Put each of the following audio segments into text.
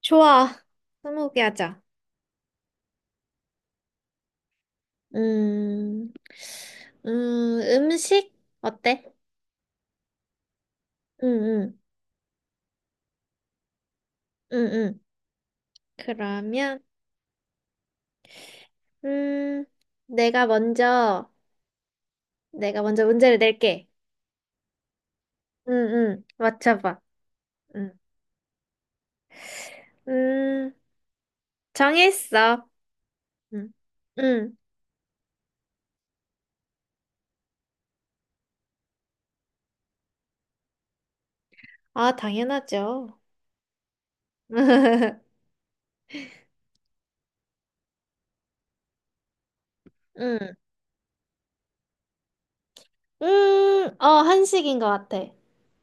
좋아. 스무고개 하자. 음, 음식? 어때? 응, 응, 응, 응. 그러면, 음, 내가 먼저, 내가 먼저 문제를 낼게. 응, 응, 맞춰봐. 음, 음, 정했어. 응, 응, 아, 당연하죠. 응. 한식인 것 같아.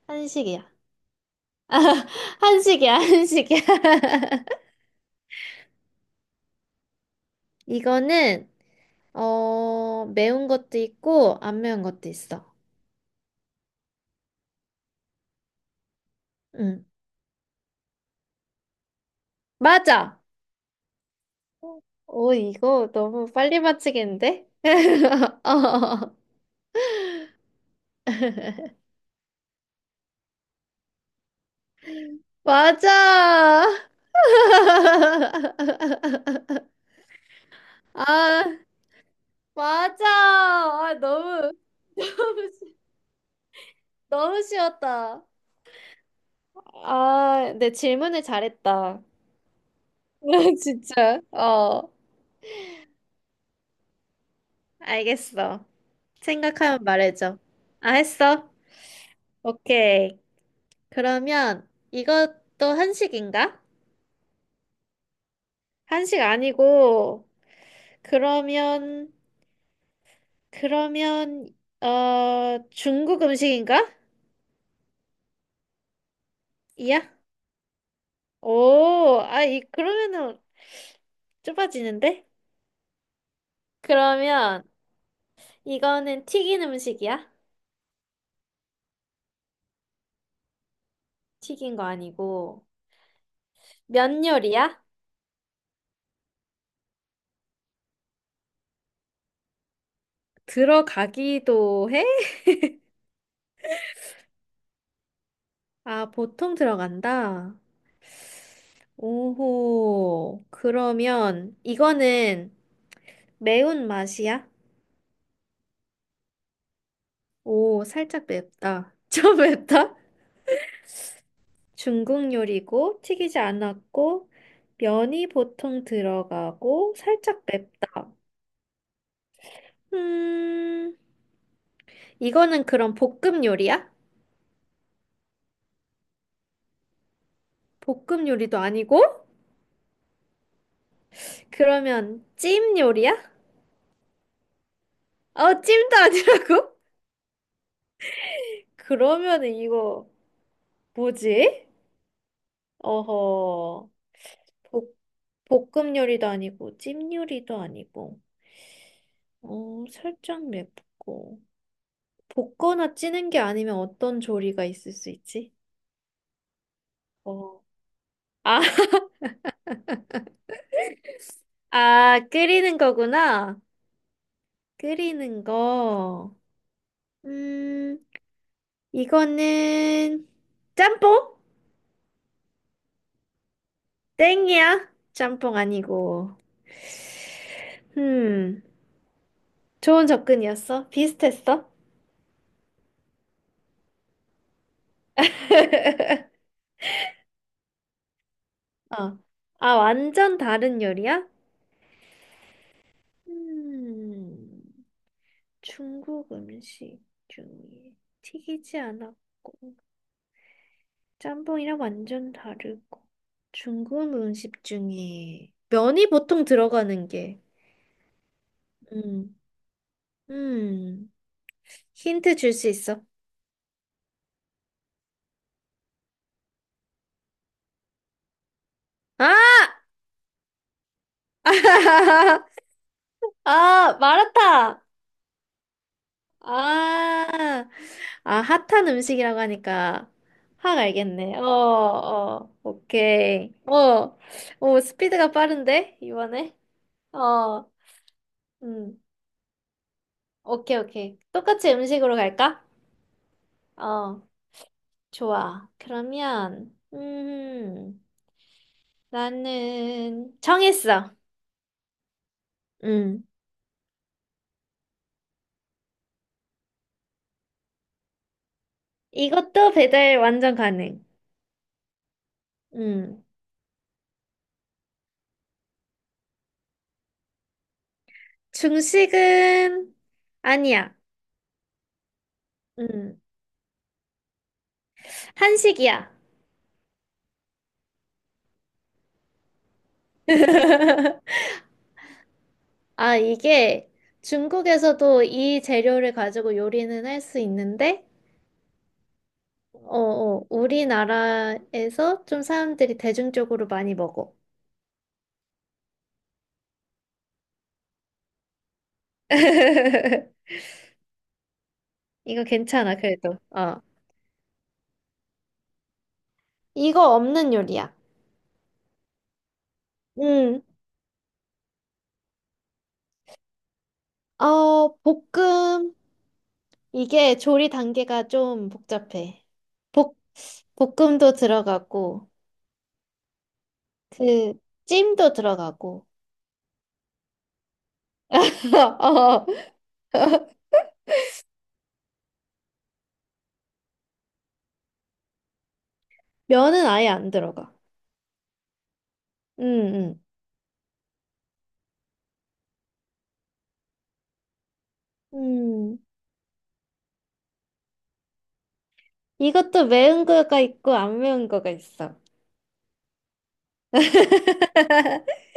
한식이야. 한식이야, 한식이야. 이거는, 어, 매운 것도 있고, 안 매운 것도 있어. 응. 맞아! 오, 이거 너무 빨리 맞히겠는데? 어. 맞아! 아, 맞아! 아, 너무, 너무, 쉬- 너무 쉬웠다. 아, 내 질문을 잘했다. 진짜. 어, 알겠어. 생각하면 말해줘. 아, 했어? 오케이. 그러면 이것도 한식인가? 한식 아니고, 그러면, 그러면, 어, 중국 음식인가? 이야? 그러면은 좁아지는데? 그러면 이거는 튀긴 음식이야? 튀긴 거 아니고, 면 요리야? 들어가기도 해? 아, 보통 들어간다. 오호, 그러면 이거는 매운 맛이야? 오, 살짝 맵다. 좀 맵다? 중국 요리고 튀기지 않았고 면이 보통 들어가고 살짝 맵다. 음, 이거는 그럼 볶음 요리야? 볶음 요리도 아니고? 그러면 찜 요리야? 어, 찜도 아니라고? 그러면은 이거 뭐지? 어허, 볶, 볶음 요리도 아니고 찜 요리도 아니고, 어, 살짝 맵고. 볶거나 찌는 게 아니면 어떤 조리가 있을 수 있지? 어. 아, 아, 끓이는 거구나. 끓이는 거. 음, 이거는 짬뽕? 땡이야. 짬뽕 아니고. 음, 좋은 접근이었어. 비슷했어. 어. 아, 완전 다른 요리야? 음, 중국 음식 중에 튀기지 않았고. 짬뽕이랑 완전 다르고. 중국 음식 중에 면이 보통 들어가는 게, 음, 음, 힌트 줄 수 있어. 아! 아, 마라탕! 아, 아, 핫한 음식이라고 하니까 확 알겠네. 어, 어, 오케이. 어, 오, 스피드가 빠른데, 이번에? 어, 음, 오케이, 오케이. 똑같이 음식으로 갈까? 어. 좋아. 그러면, 나는 정했어. 음, 이것도 배달 완전 가능. 음, 중식은 아니야. 음, 한식이야. 아, 이게 중국에서도 이 재료를 가지고 요리는 할 수 있는데, 우리나라에서 좀 사람들이 대중적으로 많이 먹어. 이거 괜찮아, 그래도. 어. 이거 없는 요리야. 음, 어, 볶음. 이게 조리 단계가 좀 복잡해. 볶, 볶음도 들어가고, 그, 찜도 들어가고. 어, 면은 아예 안 들어가. 음, 음. 이것도 매운 거가 있고, 안 매운 거가 있어.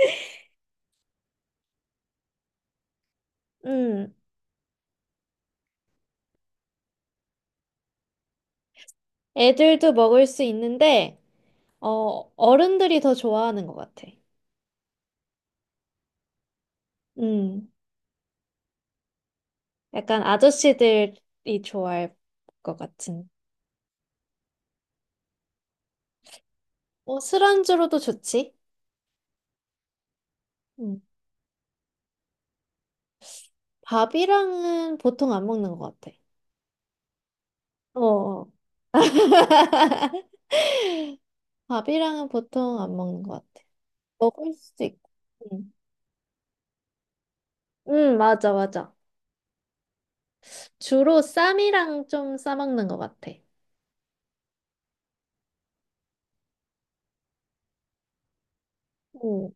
음. 애들도 먹을 수 있는데, 어, 어른들이 더 좋아하는 것 같아. 음. 약간 아저씨들이 좋아할 것 같은. 어, 술안주로도 좋지. 음. 밥이랑은 보통 안 먹는 것 같아. 어. 어. 밥이랑은 보통 안 먹는 것 같아. 먹을 수도 있고. 응, 응, 맞아, 맞아. 주로 쌈이랑 좀 싸먹는 것 같아. 응.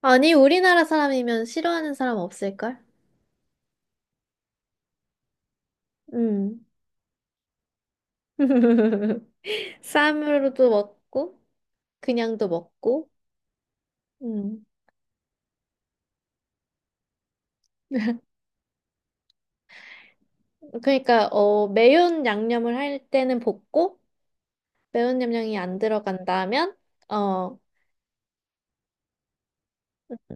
아니, 우리나라 사람이면 싫어하는 사람 없을걸? 응. 쌈으로도 먹고, 그냥도 먹고. 응. 그러니까, 어, 매운 양념을 할 때는 볶고, 매운 양념이 안 들어간다면? 어,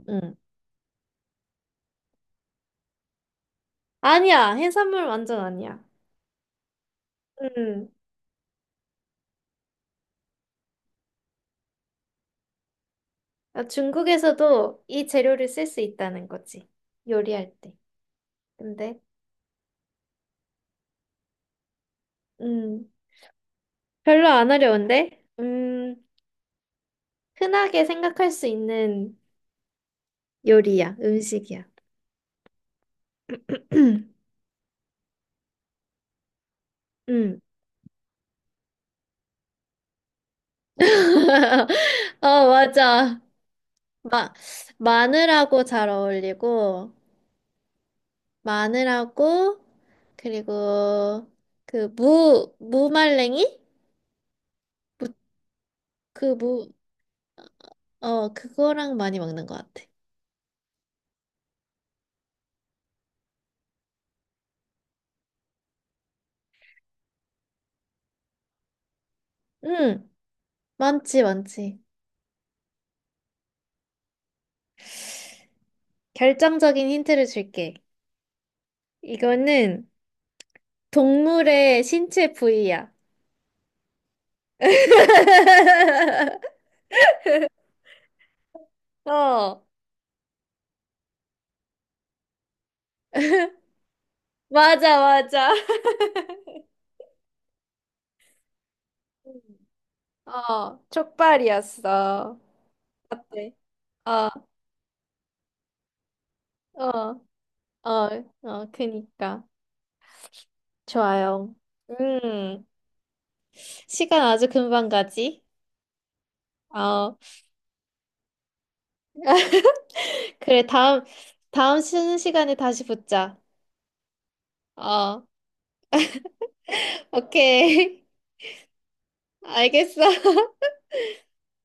음. 아니야. 해산물 완전 아니야. 음. 아, 중국에서도 이 재료를 쓸 수 있다는 거지. 요리할 때. 근데, 음. 별로 안 어려운데? 음. 흔하게 생각할 수 있는 요리야. 음식이야. 음. 어, 맞아. 마, 마늘하고 잘 어울리고, 마늘하고, 그리고 무말랭이? 무, 그 무, 어, 그거랑 많이 먹는 것 같아. 응, 많지, 많지. 결정적인 힌트를 줄게. 이거는 동물의 신체 부위야. 어, 맞아, 맞아. 어, 족발이었어. 어때? 어, 어, 어, 그니까. 좋아요. 음, 시간 아주 금방 가지? 어. 그래, 다음 쉬는 시간에 다시 붙자. 어, 오케이. 알겠어.